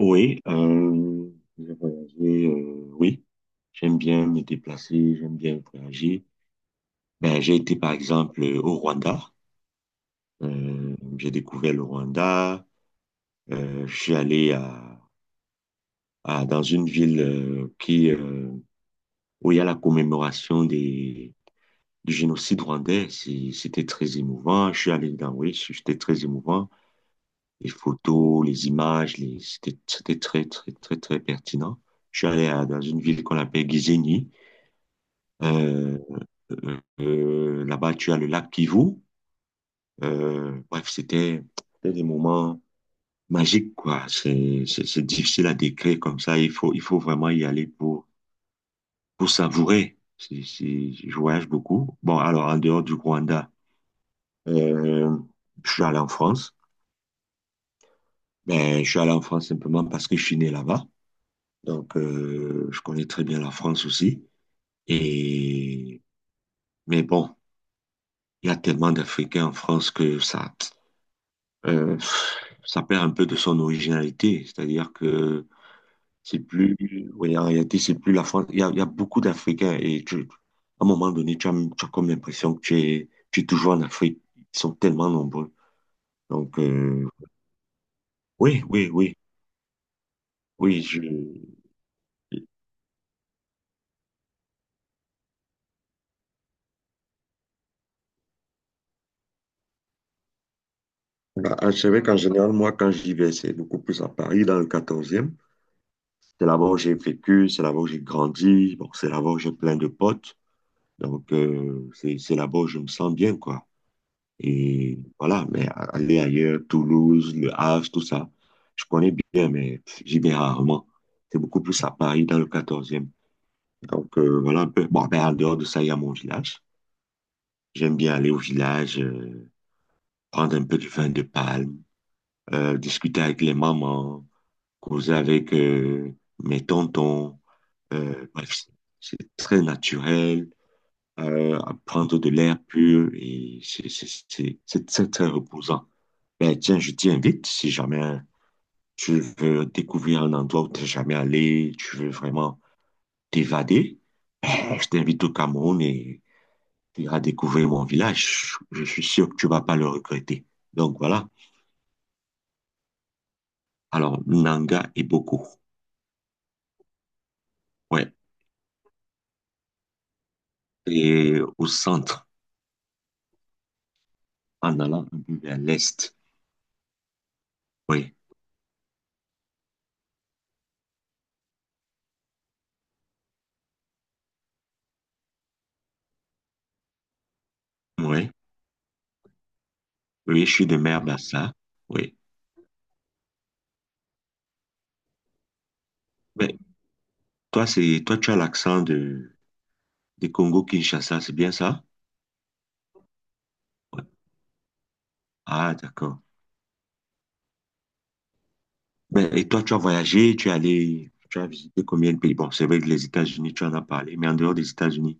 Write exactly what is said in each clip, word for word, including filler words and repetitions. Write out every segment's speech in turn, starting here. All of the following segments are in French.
Oui, euh, j'ai voyagé, euh, oui. J'aime bien me déplacer, j'aime bien voyager. Ben, j'ai été par exemple euh, au Rwanda. Euh, j'ai découvert le Rwanda. Euh, je suis allé à, à- dans une ville euh, qui, euh, où il y a la commémoration des, du génocide rwandais. C'est- C'était très émouvant. Je suis allé dans, oui, c'était très émouvant. Les photos, les images, les, c'était, c'était très, très, très, très pertinent. Je suis allé à- dans une ville qu'on appelle Gisenyi. Euh, euh, là-bas, tu as le lac Kivu. Euh, bref, c'était c'était des moments magiques, quoi. C'est c'est- c'est difficile à décrire comme ça. Il faut, il faut vraiment y aller pour, pour savourer. C'est- c'est- je voyage beaucoup. Bon, alors, en dehors du Rwanda, euh, je suis allé en France. Ben, je suis allé en France simplement parce que je suis né là-bas. Donc, euh, je connais très bien la France aussi. Et, mais bon, il y a tellement d'Africains en France que ça. euh, ça perd un peu de son originalité. C'est-à-dire que c'est plus, ouais, en réalité, c'est plus la France. Il y a, il y a beaucoup d'Africains et tu- à un moment donné, tu as, tu as comme l'impression que tu es, tu es toujours en Afrique. Ils sont tellement nombreux. Donc, euh, oui, oui, oui, oui. Je, bah, je savais qu'en général, moi, quand j'y vais, c'est beaucoup plus à Paris, dans le quatorzième. C'est là-bas où j'ai vécu, c'est là-bas où j'ai grandi, bon, c'est là-bas où j'ai plein de potes. Donc, euh, c'est c'est là-bas où je me sens bien, quoi. Et voilà, mais aller ailleurs, Toulouse, Le Havre, tout ça, je connais bien, mais j'y vais rarement. C'est beaucoup plus à Paris, dans le quatorzième. Donc euh, voilà un peu. Bon, ben, en dehors de ça, il y a mon village. J'aime bien aller au village, euh, prendre un peu de vin de palme, euh, discuter avec les mamans, causer avec euh, mes tontons. Euh, bref, c'est c'est très naturel, euh, à prendre de l'air pur et c'est c'est- c'est- c'est très, très reposant. Ben, tiens, je t'invite si jamais tu veux découvrir un endroit où tu n'es jamais allé, tu veux vraiment t'évader, ben, je t'invite au Cameroun et tu iras découvrir mon village. Je suis sûr que tu vas pas le regretter. Donc voilà. Alors, Nanga et Boko. Ouais. Et au centre, en allant un peu vers l'est. Oui. Oui. Oui, je suis de Mère-Bassa. Oui. Mais toi, c'est, toi, tu as l'accent de, de Congo-Kinshasa, c'est bien ça? Ouais. Ah, d'accord. Ben, et toi, tu as voyagé, tu es allé, tu as visité combien de pays? Bon, c'est vrai que les États-Unis, tu en as parlé, mais en dehors des États-Unis.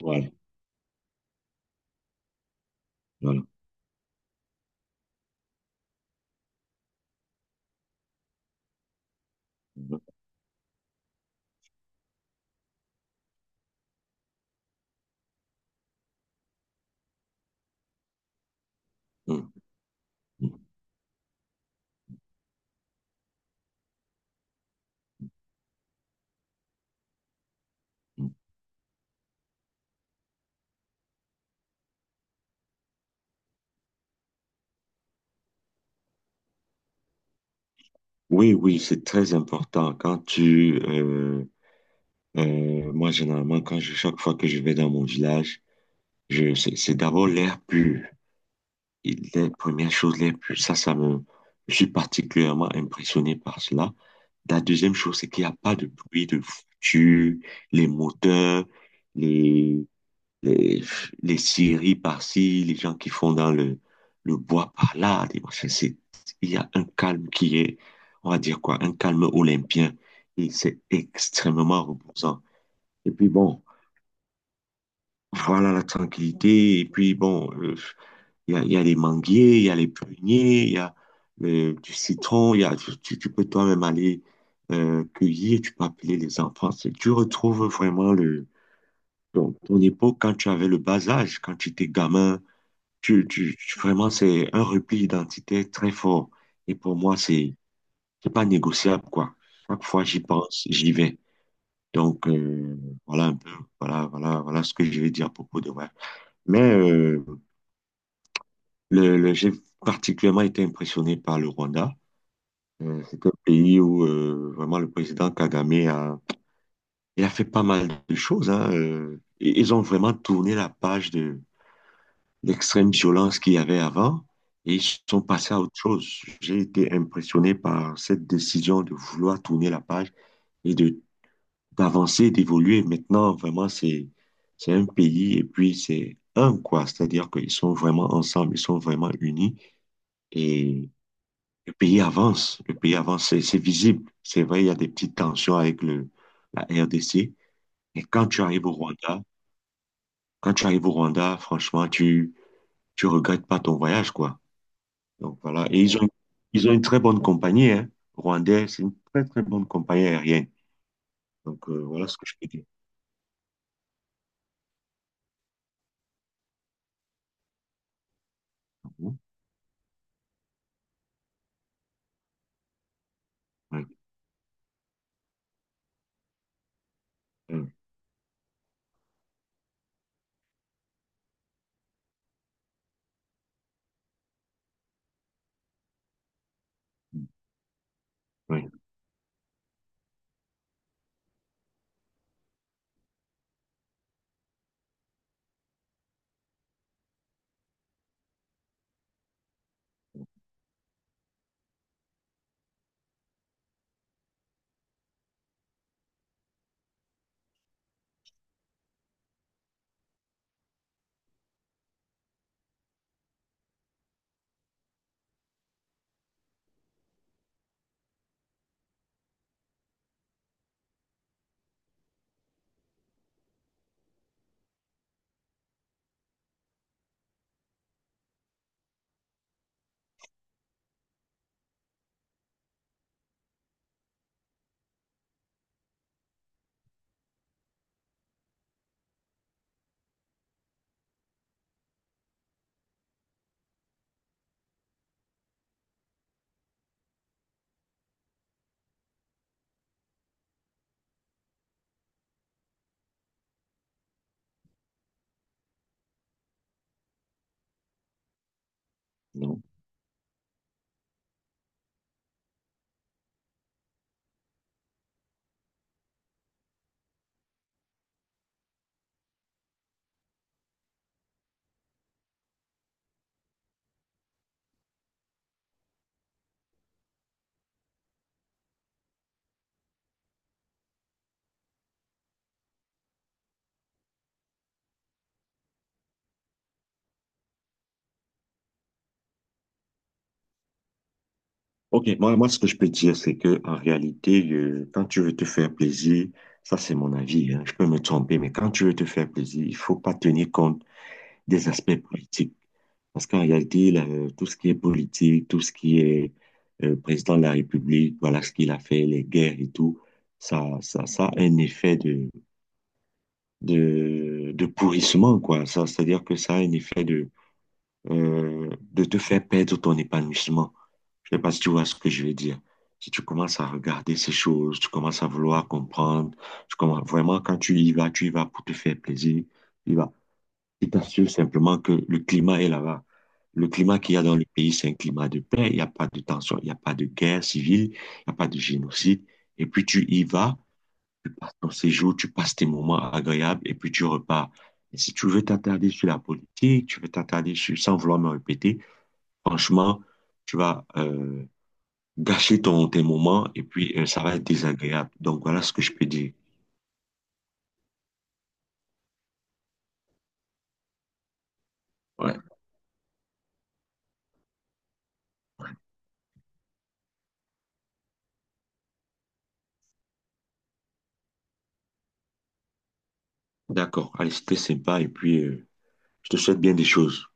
Voilà, voilà. Oui, oui, c'est très important. Quand tu, euh, euh, moi, généralement, quand je, chaque fois que je vais dans mon village, je, c'est c'est d'abord l'air pur. Et les premières choses, les plus, ça, ça me, je suis particulièrement impressionné par cela. La deuxième chose, c'est qu'il n'y a pas de bruit de voiture, les moteurs, les, les, les scieries par-ci, les gens qui font dans le, le bois par-là, des machins. C'est, il y a un calme qui est, on va dire quoi, un calme olympien. Et c'est extrêmement reposant. Et puis bon, voilà la tranquillité. Et puis bon, euh, il y a, il y a les manguiers, il y a les pruniers, il y a euh, du citron, il y a, tu, tu peux toi-même aller euh, cueillir, tu peux appeler les enfants. C'est- Tu retrouves vraiment le, ton, ton époque quand tu avais le bas âge, quand tu étais gamin. Tu, tu, tu- vraiment, c'est un repli identitaire très fort. Et pour moi, c'est, c'est pas négociable, quoi. Chaque fois, j'y pense, j'y vais. Donc, euh, voilà un peu, voilà, voilà, voilà ce que je vais dire à propos de moi. Mais euh, Le, le- j'ai particulièrement été impressionné par le Rwanda. Euh, c'est un pays où euh, vraiment le président Kagame a, il a fait pas mal de choses. Hein, euh, et ils ont vraiment tourné la page de l'extrême violence qu'il y avait avant et ils sont passés à autre chose. J'ai été impressionné par cette décision de vouloir tourner la page et de d'avancer, d'évoluer. Maintenant, vraiment, c'est c'est un pays et puis c'est un quoi. C'est-à-dire qu'ils sont vraiment ensemble, ils sont vraiment unis et Le pays avance, le pays avance, c'est c'est visible. C'est vrai, il y a des petites tensions avec le, la R D C. Et quand tu arrives au Rwanda, quand tu arrives au Rwanda, franchement, tu tu regrettes pas ton voyage, quoi. Donc voilà. Et ils ont, ils ont une très bonne compagnie, hein. Rwandais, c'est une très, très bonne compagnie aérienne. Donc euh, voilà ce que je peux dire. Ouais, ouais, ouais, non. Ok, moi, moi, ce que je peux dire, c'est que en réalité, euh, quand tu veux te faire plaisir, ça c'est mon avis, hein, je peux me tromper, mais quand tu veux te faire plaisir, il faut pas tenir compte des aspects politiques. Parce qu'en réalité, là, euh, tout ce qui est politique, tout ce qui est euh, président de la République, voilà ce qu'il a fait, les guerres et tout, ça, ça, ça a un effet de, de, de pourrissement, quoi. Ça, c'est-à-dire que ça a un effet de, euh, de te faire perdre ton épanouissement. Je ne sais pas si tu vois ce que je veux dire. Si tu commences à regarder ces choses, tu commences à vouloir comprendre, tu commences, vraiment, quand tu y vas, tu y vas pour te faire plaisir, tu y vas. Il t'assure simplement que le climat est là-bas. Le climat qu'il y a dans le pays, c'est un climat de paix. Il n'y a pas de tension, il n'y a pas de guerre civile, il n'y a pas de génocide. Et puis tu y vas, tu passes ton séjour, tu passes tes moments agréables et puis tu repars. Et si tu veux t'attarder sur la politique, tu veux t'attarder sur, sans vouloir me répéter, franchement, tu vas euh, gâcher ton, tes moments et puis euh, ça va être désagréable. Donc voilà ce que je peux dire. Ouais, d'accord. Allez, c'était sympa et puis euh, je te souhaite bien des choses.